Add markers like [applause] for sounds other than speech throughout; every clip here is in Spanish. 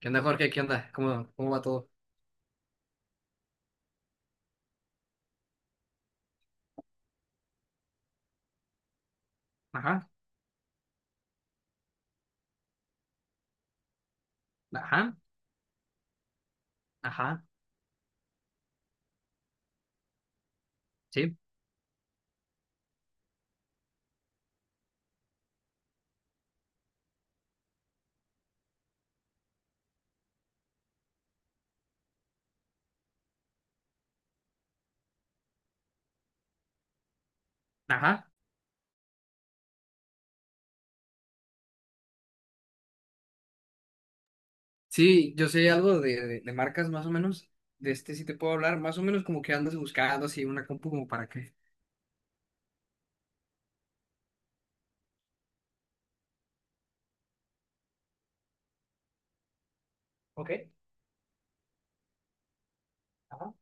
¿Qué onda, Jorge? ¿Qué onda? ¿Cómo va todo? Ajá, ajá, ajá, sí, ajá. Sí, yo sé algo de marcas más o menos. De este sí te puedo hablar, más o menos como que andas buscando así una compu como para qué. Ok, ajá,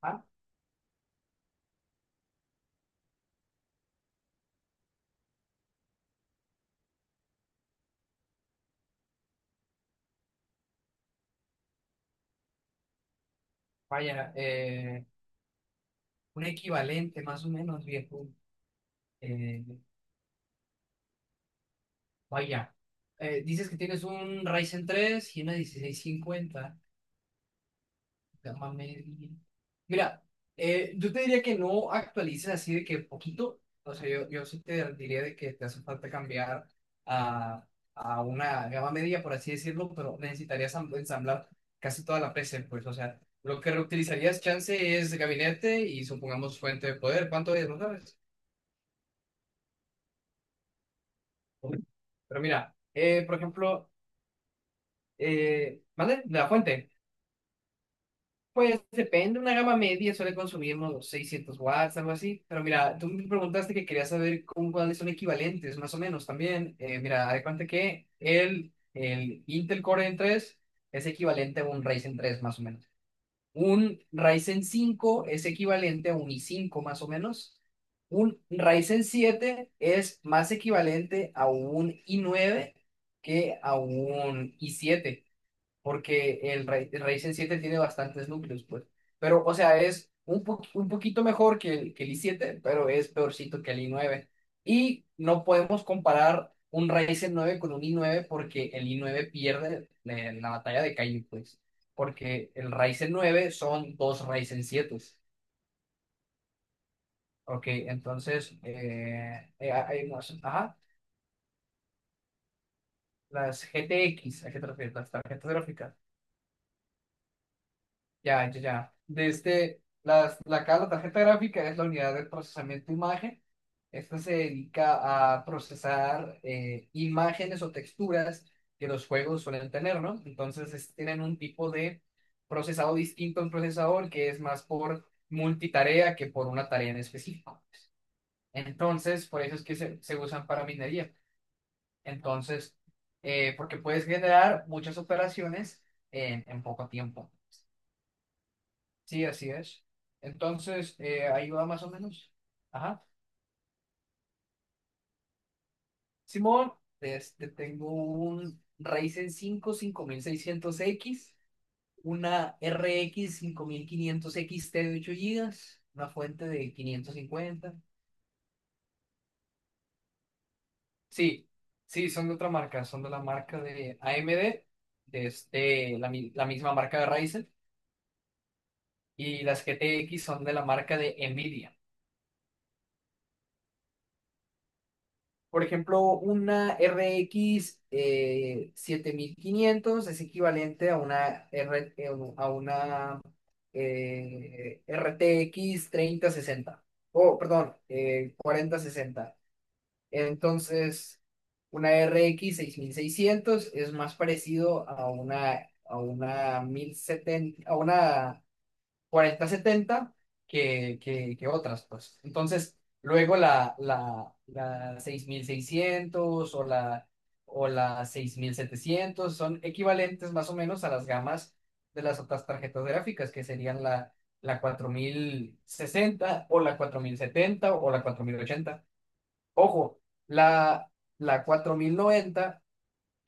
ajá. Vaya, un equivalente más o menos, viejo. Eh, vaya, dices que tienes un Ryzen 3 y una 1650. Gama media. Mira, yo te diría que no actualices así de que poquito. O sea, yo sí te diría de que te hace falta cambiar a, a una gama media, por así decirlo, pero necesitarías ensamblar casi toda la PC, pues. O sea, lo que reutilizarías chance es gabinete y supongamos fuente de poder. ¿Cuánto es? ¿No sabes? Pero mira, por ejemplo, ¿vale? La fuente. Pues depende, una gama media suele consumir unos 600 watts, algo así. Pero mira, tú me preguntaste que querías saber con cuáles son equivalentes, más o menos también. Mira, haz de cuenta que el Intel Core N3 es equivalente a un Ryzen 3, más o menos. Un Ryzen 5 es equivalente a un i5, más o menos. Un Ryzen 7 es más equivalente a un i9 que a un i7 porque el Ryzen 7 tiene bastantes núcleos, pues. Pero, o sea, es un poquito mejor que el i7, pero es peorcito que el i9. Y no podemos comparar un Ryzen 9 con un i9 porque el i9 pierde, la batalla de Kaizen, pues. Porque el Ryzen 9 son dos Ryzen 7. Ok, entonces, hay más. Ajá, las GTX, ¿a qué te refieres? Las tarjetas gráficas. Ya, ya, ya. Desde las, la, ca- la tarjeta gráfica es la unidad de procesamiento de imagen. Esta se dedica a procesar, imágenes o texturas que los juegos suelen tener, ¿no? Entonces tienen un tipo de procesado distinto a un procesador que es más por multitarea que por una tarea en específico. Entonces, por eso es que se usan para minería. Entonces, porque puedes generar muchas operaciones en poco tiempo. Sí, así es. Entonces, ahí va más o menos. Ajá. Simón, tengo un Ryzen 5 5600X, una RX 5500XT de 8 gigas, una fuente de 550. Sí, sí, son de otra marca, son de la marca de AMD, de este, la, mi- la misma marca de Ryzen, y las GTX son de la marca de Nvidia. Por ejemplo, una r RX, 7500 es equivalente a una RTX 3060. Oh, perdón, 4060. Entonces, una r x seis mil seiscientos es más parecido a una 1070, a una 4070 que otras, pues. Entonces, luego la 6600 o la 6700 son equivalentes más o menos a las gamas de las otras tarjetas gráficas, que serían la 4060 o la 4070 o la 4080. Ojo, la, la 4090,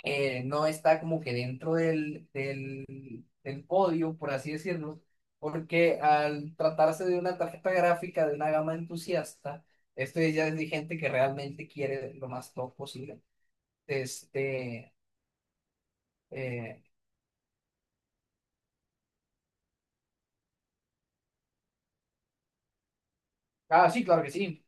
no está como que dentro del podio, por así decirlo, porque al tratarse de una tarjeta gráfica de una gama entusiasta, esto ya es de gente que realmente quiere lo más top posible. Este, eh, sí, claro que sí.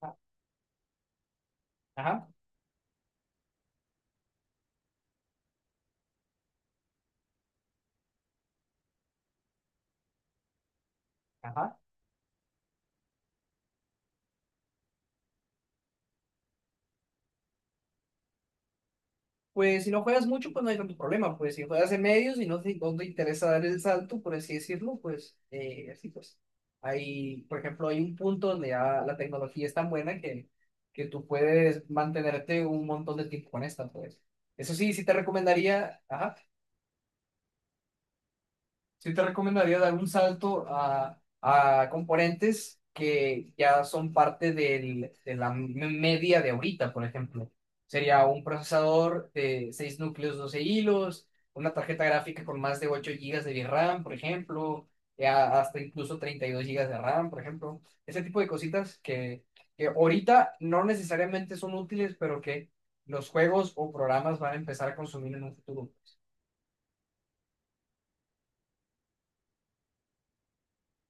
Ah, ajá, ajá. Pues si no juegas mucho, pues no hay tanto problema. Pues si juegas en medios y no te interesa dar el salto, por así decirlo, pues así pues. Hay, por ejemplo, hay un punto donde ya la tecnología es tan buena que tú puedes mantenerte un montón de tiempo con esta, pues. Eso sí, sí te recomendaría, ajá, sí te recomendaría dar un salto a componentes que ya son parte de la media de ahorita, por ejemplo. Sería un procesador de 6 núcleos, 12 hilos, una tarjeta gráfica con más de 8 gigas de VRAM, por ejemplo, ya hasta incluso 32 gigas de RAM, por ejemplo. Ese tipo de cositas que ahorita no necesariamente son útiles, pero que los juegos o programas van a empezar a consumir en un futuro.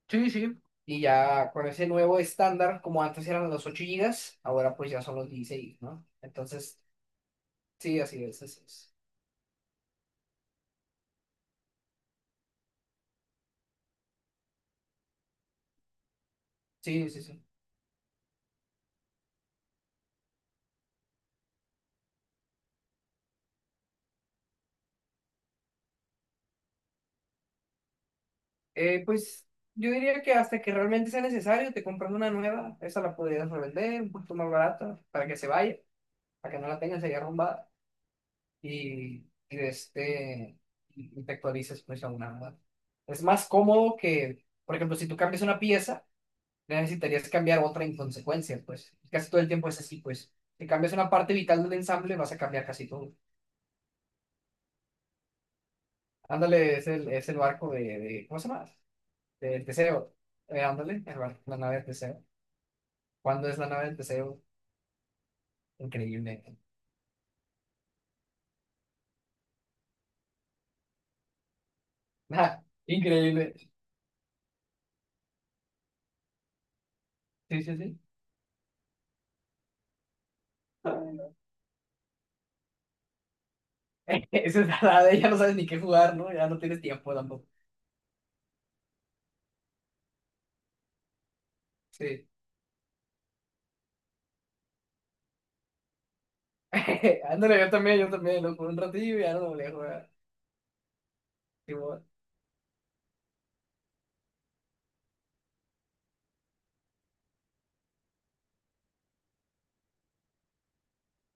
Sí, sí. Y ya con ese nuevo estándar, como antes eran los 8 gigas, ahora pues ya son los 16, ¿no? Entonces, sí, así es, así es. Sí, sí, sí. Pues yo diría que hasta que realmente sea necesario, te compras una nueva, esa la podrías revender un poquito más barata para que se vaya, para que no la tengas ahí arrumbada y, y, este, y te actualices pues a una nueva. Es más cómodo que, por ejemplo, si tú cambias una pieza, necesitarías cambiar otra en consecuencia, pues. Casi todo el tiempo es así, pues. Si cambias una parte vital del ensamble, vas a cambiar casi todo. Ándale, es el barco ¿cómo se llama? Del Teseo. Ándale, el barco, la nave del Teseo. ¿Cuándo es la nave del Teseo? Increíble. [laughs] Ah, increíble. Sí, sí, sí. [laughs] Esa es la de ya no sabes ni qué jugar, ¿no? Ya no tienes tiempo tampoco. Sí. [laughs] Ándale, yo también, lo jugué un ratillo y ya no lo volví a jugar. Simón,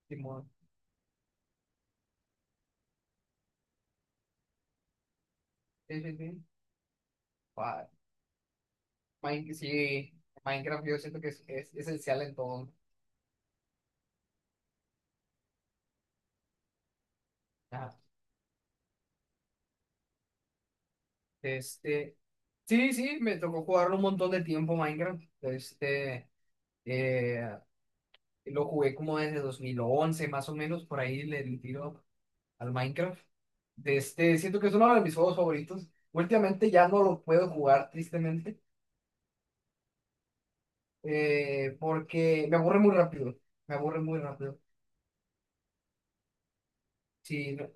Simón. Sí, sí, sí. Sí, Minecraft yo siento que es esencial en todo. Ajá. Este, sí, sí, me tocó jugarlo un montón de tiempo Minecraft. Eh, lo jugué como desde 2011 más o menos, por ahí le di tiro al Minecraft. Siento que es uno de mis juegos favoritos. Últimamente ya no lo puedo jugar, tristemente, porque me aburre muy rápido. Me aburre muy rápido. Sí,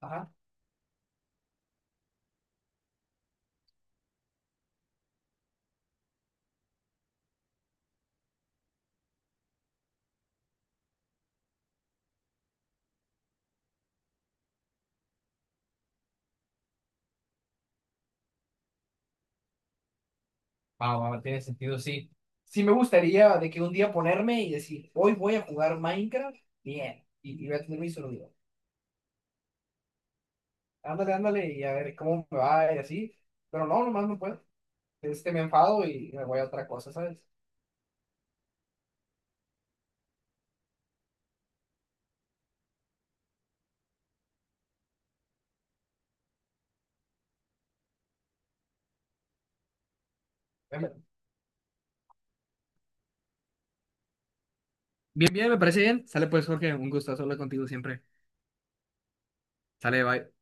ajá. Va, va, tiene sentido, sí. Sí me gustaría de que un día ponerme y decir, hoy voy a jugar Minecraft, bien, y voy a tener mi celular. Ándale, ándale, y a ver cómo me va y así. Pero no, nomás no puedo. Me enfado y me voy a otra cosa, ¿sabes? Me- Bien, bien, me parece bien. Sale pues, Jorge, un gusto hablar contigo siempre. Sale, bye.